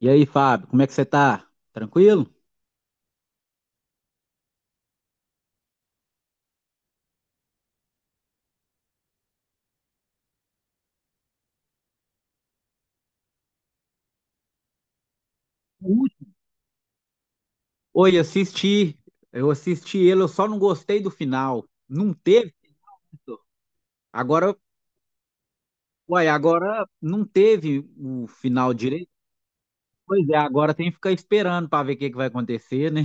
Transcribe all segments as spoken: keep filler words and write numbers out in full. E aí, Fábio, como é que você tá? Tranquilo? Ui. Oi, assisti. Eu assisti ele, eu só não gostei do final. Não teve isso? Agora, uai, agora não teve o final direito. Pois é, agora tem que ficar esperando para ver o que que vai acontecer, né?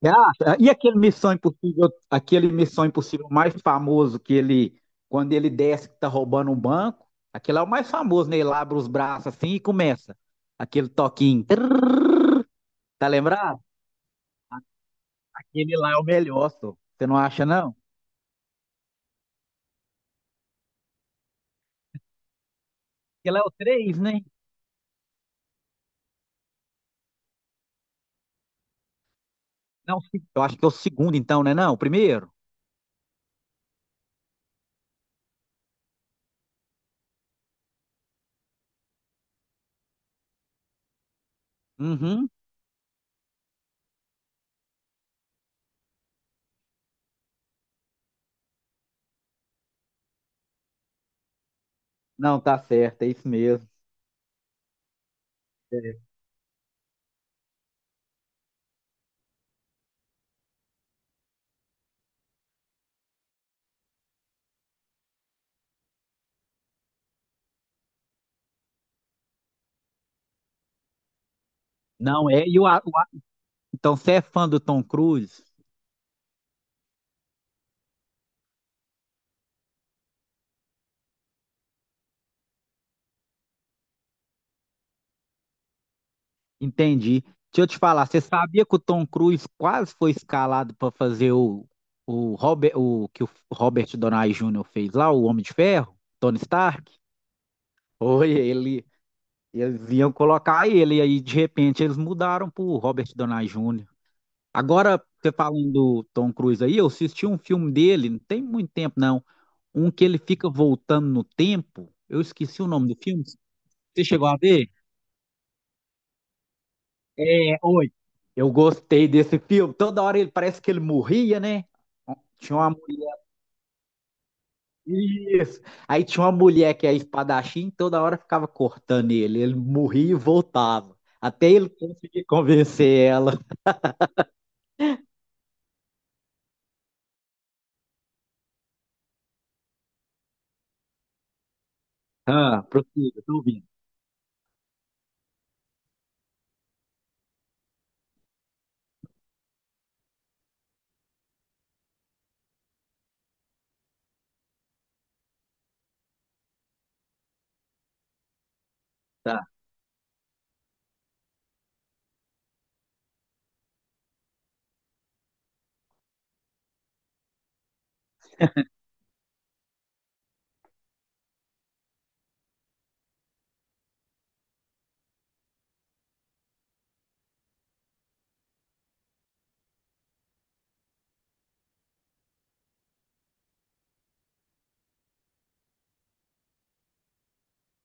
Você acha? E aquele Missão Impossível, aquele Missão Impossível mais famoso que ele, quando ele desce que tá roubando um banco, aquele é o mais famoso, né? Ele abre os braços assim e começa aquele toquinho. Tá lembrado? Ele lá é o melhor, só. Você não acha, não? Porque lá é o três, né? Não, o se- eu acho que é o segundo, então, né? Não, o primeiro? Uhum. Não, tá certo, é isso mesmo. É. Não é. E o, a- o a- então, você é fã do Tom Cruise? Entendi. Deixa eu te falar, você sabia que o Tom Cruise quase foi escalado para fazer o, o, Robert, o que o Robert Downey júnior fez lá, o Homem de Ferro? Tony Stark? Oi, ele. Eles iam colocar ele, e aí de repente eles mudaram pro Robert Downey júnior Agora, você falando do Tom Cruise aí, eu assisti um filme dele, não tem muito tempo não, um que ele fica voltando no tempo, eu esqueci o nome do filme, você chegou a ver? É, oi. Eu gostei desse filme, toda hora ele parece que ele morria, né? Tinha uma mulher, isso. Aí tinha uma mulher que é espadachim, toda hora ficava cortando ele, ele morria e voltava, até ele conseguir convencer ela. Ah, prossiga, tô ouvindo. Tá.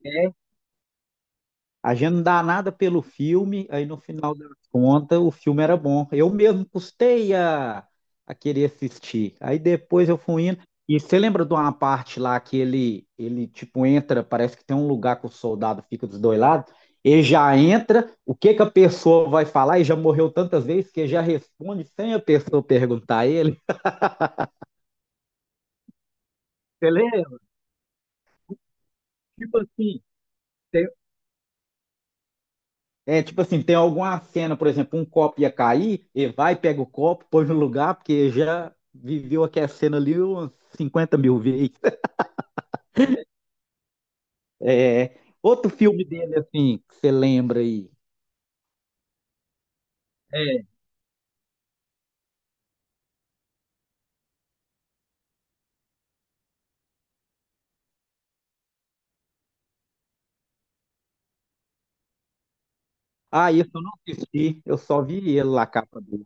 É, a gente não dá nada pelo filme, aí no final da conta o filme era bom. Eu mesmo custei a, a querer assistir. Aí depois eu fui indo. E você lembra de uma parte lá que ele, ele tipo entra, parece que tem um lugar que o soldado fica dos dois lados, ele já entra, o que que a pessoa vai falar, e já morreu tantas vezes que ele já responde sem a pessoa perguntar a ele. Você lembra? Tipo assim, você É, tipo assim, tem alguma cena, por exemplo, um copo ia cair, ele vai, pega o copo, põe no lugar, porque já viveu aquela cena ali umas cinquenta mil vezes. É, outro filme dele, assim, que você lembra aí. É, ah, isso eu não assisti, eu só vi ele lá, a capa dele.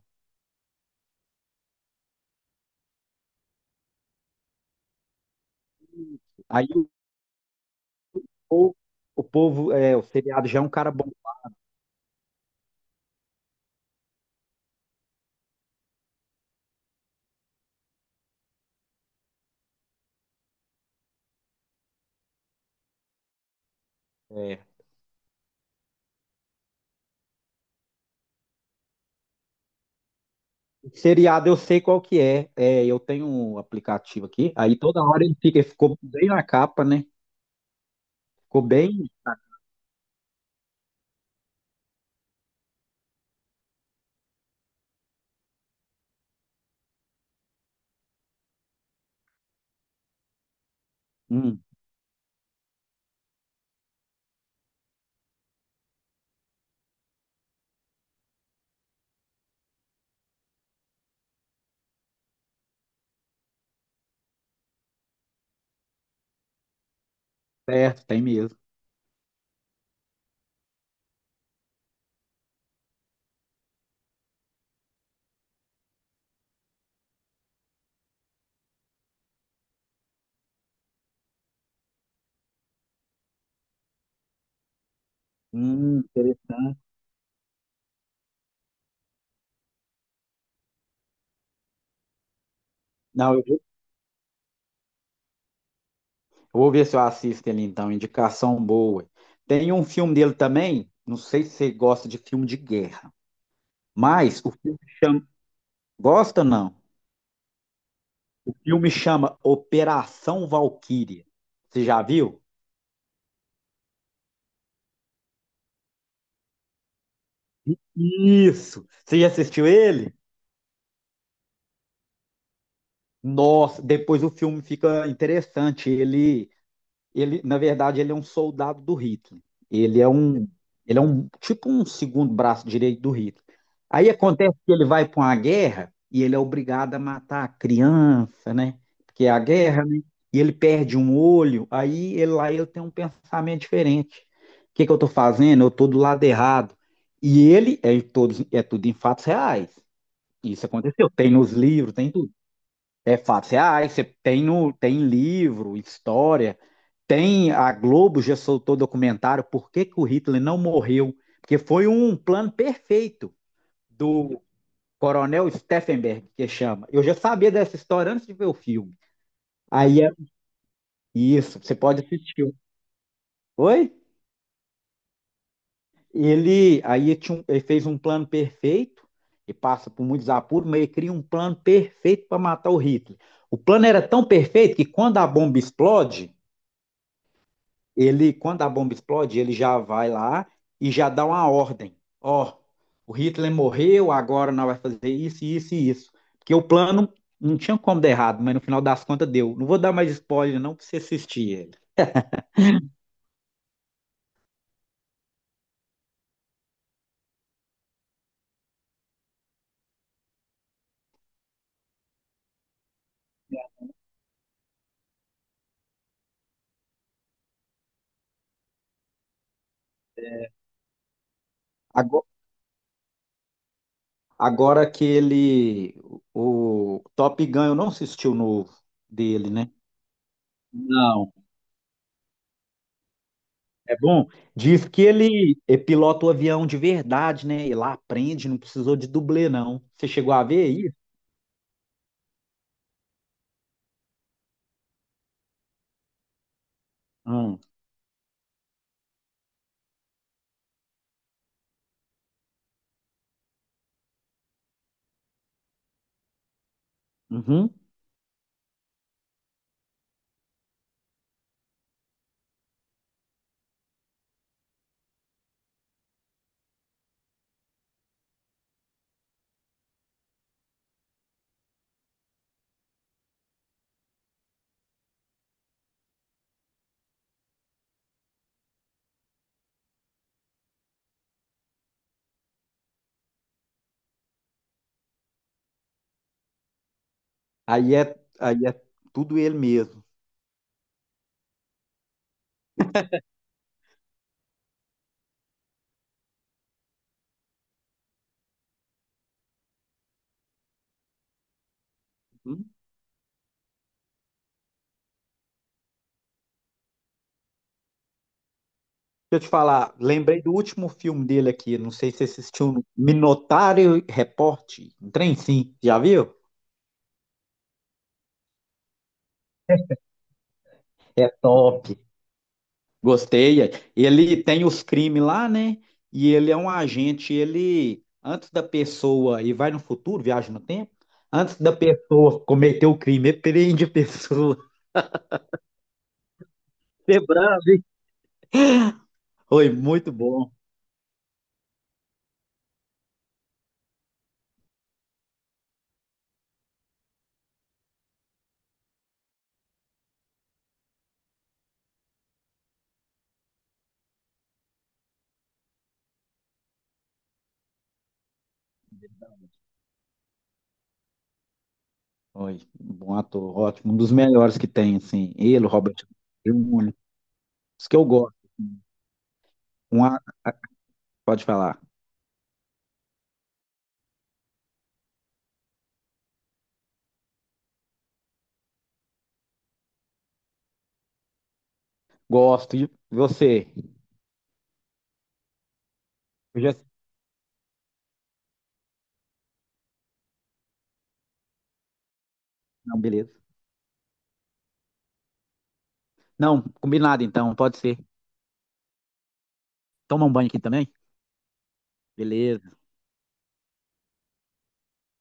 Aí o povo, o povo, é, o seriado já é um cara bom. É. O seriado eu sei qual que é. É, eu tenho um aplicativo aqui, aí toda hora ele fica, ele ficou bem na capa, né? Ficou bem, hum, certo, tem mesmo. Hum, intere- não, eu vou eu vou ver se eu assisto ele então, indicação boa. Tem um filme dele também, não sei se você gosta de filme de guerra, mas o filme chama, gosta não? O filme chama Operação Valquíria. Você já viu? Isso. Você já assistiu ele? Nossa, depois o filme fica interessante. Ele Ele, na verdade, ele é um soldado do Hitler. Ele é um, ele é um tipo um segundo braço direito do Hitler. Aí acontece que ele vai para uma guerra e ele é obrigado a matar a criança, né? Porque é a guerra, né? E ele perde um olho, aí ele lá ele tem um pensamento diferente. O que que eu estou fazendo? Eu estou do lado errado. E ele é todos é tudo em fatos reais. Isso aconteceu, tem nos livros, tem tudo. É fato. Você, ah, você tem no, tem livro, história, tem a Globo já soltou documentário por que que o Hitler não morreu, porque foi um plano perfeito do Coronel Steffenberg, que chama. Eu já sabia dessa história antes de ver o filme. Aí é isso, você pode assistir. Oi? Ele aí tinha um- ele fez um plano perfeito e passa por muitos apuros, mas ele cria um plano perfeito para matar o Hitler. O plano era tão perfeito que, quando a bomba explode ele, quando a bomba explode, ele já vai lá e já dá uma ordem. Ó, o Hitler morreu, agora nós vai fazer isso, isso e isso. Porque o plano não tinha como dar errado, mas no final das contas deu. Não vou dar mais spoiler, não, pra você assistir ele. É. Ago- Agora, que ele. O Top Gun, eu não assisti o novo dele, né? Não. É bom? Diz que ele é, pilota o avião de verdade, né? Ele lá aprende, não precisou de dublê, não. Você chegou a ver isso? Hum. Uhum. Aí é, aí é tudo ele mesmo. Hum? Deixa eu te falar, lembrei do último filme dele aqui, não sei se você assistiu, Minotário Report, um trem sim, já viu? É top. Gostei. Ele tem os crimes lá, né? E ele é um agente, ele, antes da pessoa, e vai no futuro, viaja no tempo, antes da pessoa cometer o crime, ele prende a pessoa. Você é bravo, hein? Oi, muito bom. Oi, bom ator, ótimo, um dos melhores que tem, assim, ele, o Robert júnior Os que eu gosto. Um, a- a- pode falar. Gosto. E você? Eu já. Não, beleza. Não, combinado então, pode ser. Toma um banho aqui também? Beleza.